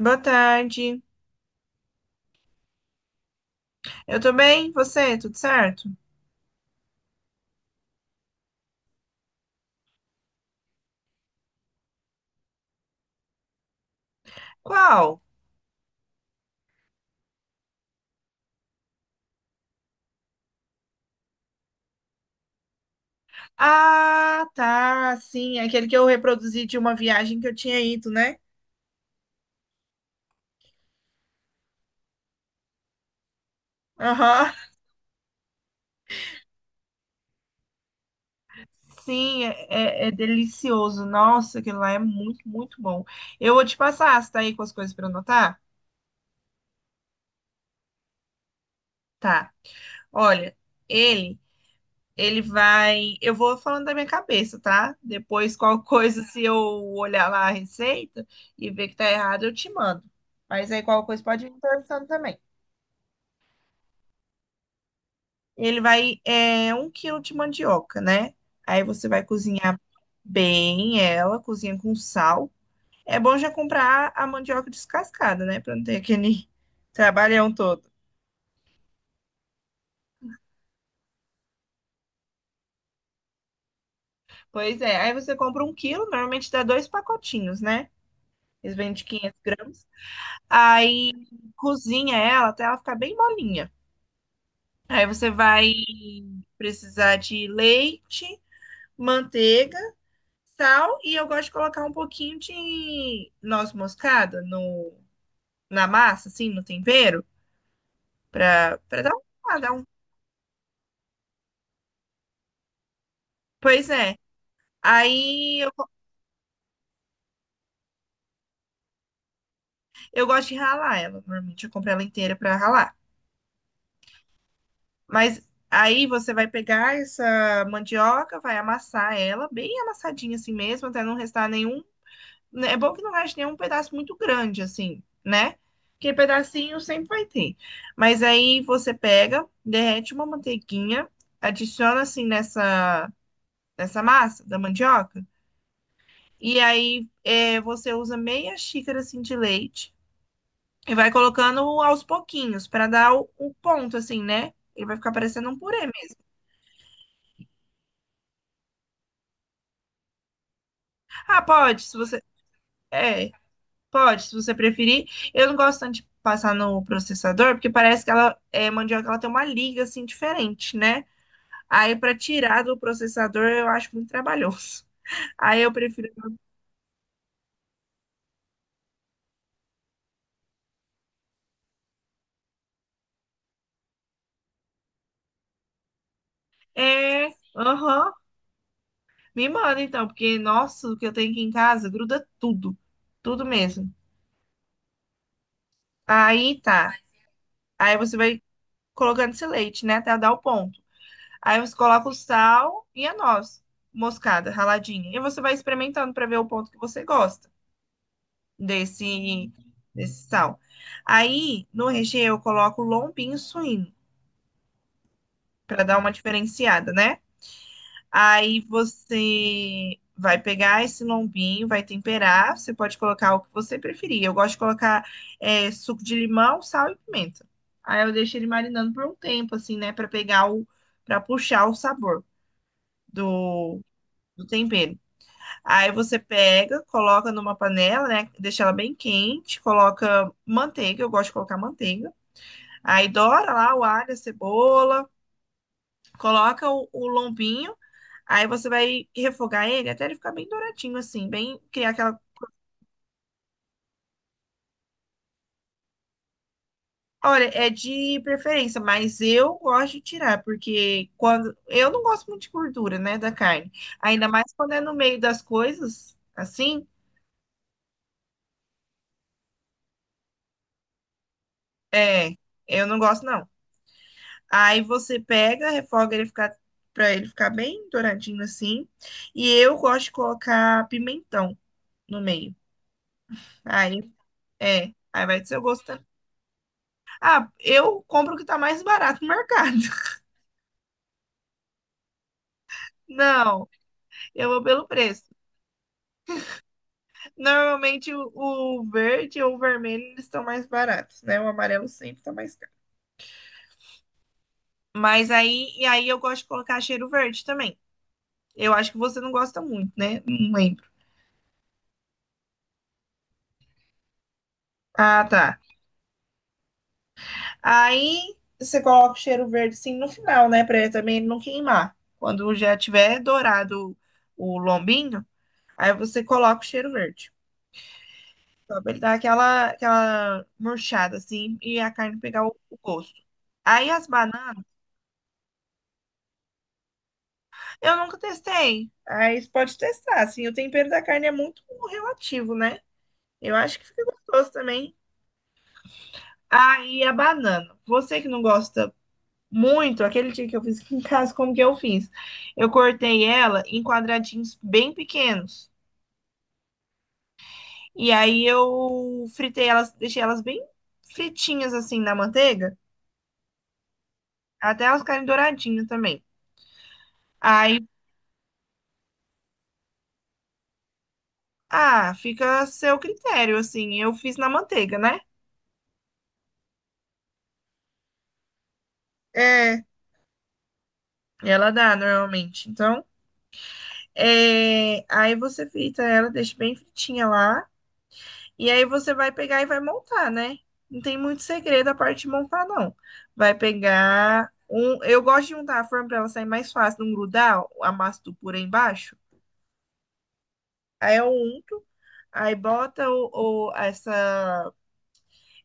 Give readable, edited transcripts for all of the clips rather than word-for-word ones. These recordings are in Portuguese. Boa tarde. Eu tô bem? Você? Tudo certo? Qual? Ah, tá. Sim, aquele que eu reproduzi de uma viagem que eu tinha ido, né? Aham. Sim, é delicioso. Nossa, aquilo lá é muito, muito bom. Eu vou te passar. Você tá aí com as coisas pra anotar? Tá. Olha, ele, ele vai. Eu vou falando da minha cabeça, tá? Depois, qual coisa, se eu olhar lá a receita e ver que tá errado, eu te mando. Mas aí, qual coisa pode ir me interessando também. Ele vai, é, um quilo de mandioca, né? Aí você vai cozinhar bem ela, cozinha com sal. É bom já comprar a mandioca descascada, né? Pra não ter aquele trabalhão todo. Pois é, aí você compra um quilo, normalmente dá dois pacotinhos, né? Eles vendem de 500 gramas. Aí cozinha ela até ela ficar bem molinha. Aí você vai precisar de leite, manteiga, sal, e eu gosto de colocar um pouquinho de noz moscada na massa, assim, no tempero, pra dar um, ah, dar um. Pois é. Aí eu gosto de ralar ela. Normalmente eu compro ela inteira pra ralar. Mas aí você vai pegar essa mandioca, vai amassar ela, bem amassadinha assim mesmo, até não restar nenhum, né, é bom que não reste nenhum pedaço muito grande, assim, né? Porque pedacinho sempre vai ter. Mas aí você pega, derrete uma manteiguinha, adiciona assim nessa massa da mandioca. E aí é, você usa meia xícara assim de leite e vai colocando aos pouquinhos para dar o ponto, assim, né? Ele vai ficar parecendo um purê mesmo. Ah, pode, se você. É, pode, se você preferir. Eu não gosto tanto de passar no processador, porque parece que ela é mandioca, ela tem uma liga assim diferente, né? Aí para tirar do processador eu acho muito trabalhoso. Aí eu prefiro. É, aham. Me manda então, porque nossa, o que eu tenho aqui em casa gruda tudo, tudo mesmo. Aí tá. Aí você vai colocando esse leite, né, até dar o ponto. Aí você coloca o sal e a noz moscada raladinha. E você vai experimentando para ver o ponto que você gosta. desse, Desse sal. Aí, no recheio, eu coloco lombinho suíno, para dar uma diferenciada, né? Aí você vai pegar esse lombinho, vai temperar, você pode colocar o que você preferir. Eu gosto de colocar é, suco de limão, sal e pimenta. Aí eu deixo ele marinando por um tempo, assim, né? Para pegar para puxar o sabor do, do tempero. Aí você pega, coloca numa panela, né? Deixa ela bem quente, coloca manteiga, eu gosto de colocar manteiga. Aí doura lá o alho, a cebola, coloca o lombinho, aí você vai refogar ele até ele ficar bem douradinho, assim, bem criar aquela. Olha, é de preferência, mas eu gosto de tirar, porque quando. Eu não gosto muito de gordura, né, da carne. Ainda mais quando é no meio das coisas, assim, é, eu não gosto, não. Aí você pega, refoga ele ficar para ele ficar bem douradinho assim. E eu gosto de colocar pimentão no meio. Aí é, aí vai do seu gosto também. Ah, eu compro o que tá mais barato no mercado. Não, eu vou pelo preço. Normalmente o verde ou o vermelho eles estão mais baratos, né? O amarelo sempre tá mais caro. Mas aí, e aí eu gosto de colocar cheiro verde também. Eu acho que você não gosta muito, né? Não lembro. Ah, tá. Aí você coloca o cheiro verde assim no final, né? Pra ele também não queimar. Quando já tiver dourado o lombinho, aí você coloca o cheiro verde. Só pra ele dar aquela, aquela murchada assim e a carne pegar o gosto. Aí as bananas, eu nunca testei. Aí você pode testar, assim. O tempero da carne é muito relativo, né? Eu acho que fica gostoso também. Aí a banana. Você que não gosta muito, aquele dia que eu fiz aqui em casa, como que eu fiz? Eu cortei ela em quadradinhos bem pequenos. E aí eu fritei elas, deixei elas bem fritinhas assim na manteiga, até elas ficarem douradinhas também. Aí, ah, fica a seu critério, assim. Eu fiz na manteiga, né? É, ela dá normalmente. Então, é, aí você frita ela, deixa bem fritinha lá. E aí você vai pegar e vai montar, né? Não tem muito segredo a parte de montar, não. Vai pegar um. Eu gosto de untar a forma para ela sair mais fácil, não grudar a massa do purê embaixo. Aí eu unto, aí bota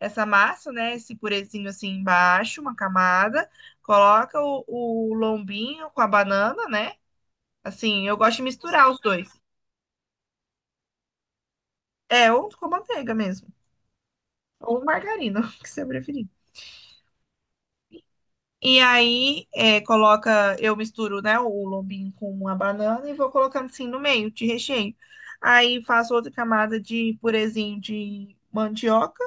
essa massa, né? Esse purezinho assim embaixo, uma camada. Coloca o lombinho com a banana, né? Assim, eu gosto de misturar os dois. É, ou com manteiga mesmo. Ou margarina, o que você preferir. E aí, é, coloca, eu misturo, né, o lombinho com uma banana e vou colocando assim no meio de recheio. Aí faço outra camada de purezinho de mandioca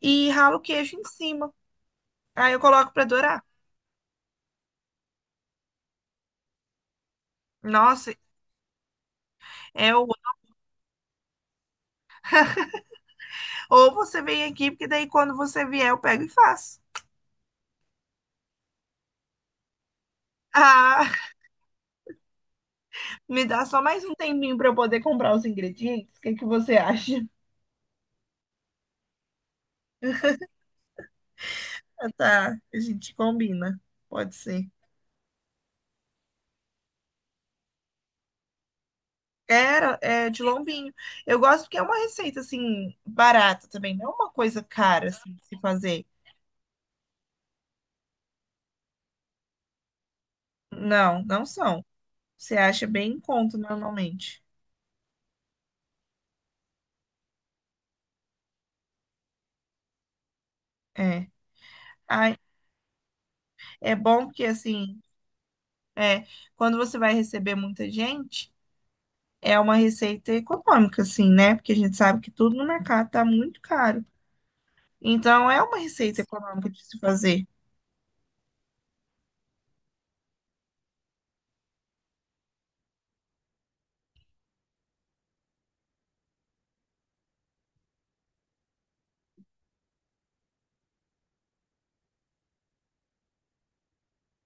e ralo o queijo em cima. Aí eu coloco para dourar. Nossa, é o... ou você vem aqui, porque daí quando você vier eu pego e faço. Ah, me dá só mais um tempinho para eu poder comprar os ingredientes. O que que você acha? Ah, tá, a gente combina. Pode ser. Era, é de lombinho. Eu gosto porque é uma receita, assim, barata também. Não é uma coisa cara, assim, de se fazer. Não, não são. Você acha bem em conta, normalmente. É. Ai, é bom porque, assim, é, quando você vai receber muita gente, é uma receita econômica, assim, né? Porque a gente sabe que tudo no mercado tá muito caro. Então, é uma receita econômica de se fazer.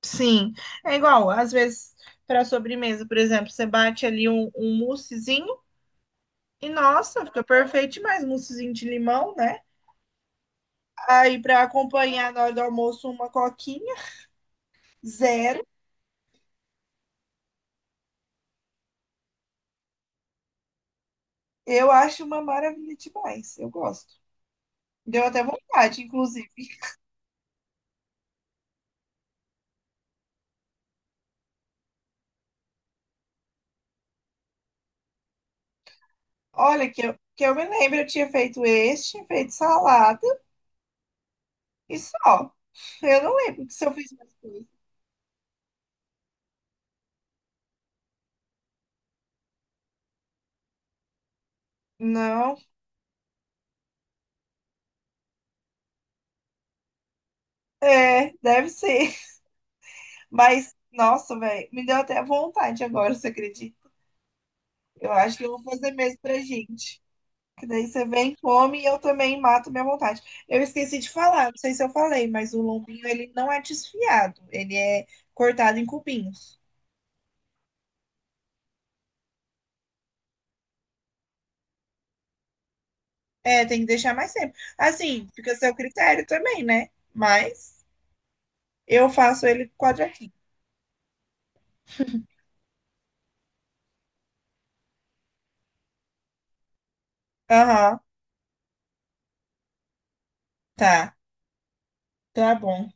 Sim. É igual, às vezes, para sobremesa, por exemplo, você bate ali um moussezinho. E nossa, fica perfeito mais moussezinho de limão, né? Aí pra acompanhar na hora do almoço uma coquinha, zero. Eu acho uma maravilha demais. Eu gosto. Deu até vontade, inclusive. Olha, que eu me lembro, eu tinha feito este, tinha feito salada e só. Eu não lembro se eu fiz mais coisa. Não, é, deve ser. Mas, nossa, velho, me deu até vontade agora, você acredita? Eu acho que eu vou fazer mesmo pra gente. Que daí você vem, come e eu também mato minha vontade. Eu esqueci de falar, não sei se eu falei, mas o lombinho ele não é desfiado, ele é cortado em cubinhos. É, tem que deixar mais tempo. Assim, fica a seu critério também, né? Mas eu faço ele quadradinho. Aham, tá, tá bom,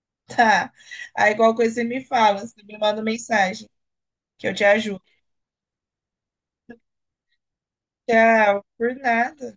tá. Aí qualquer coisa você me fala, você me manda mensagem, que eu te ajudo. Tchau, por nada.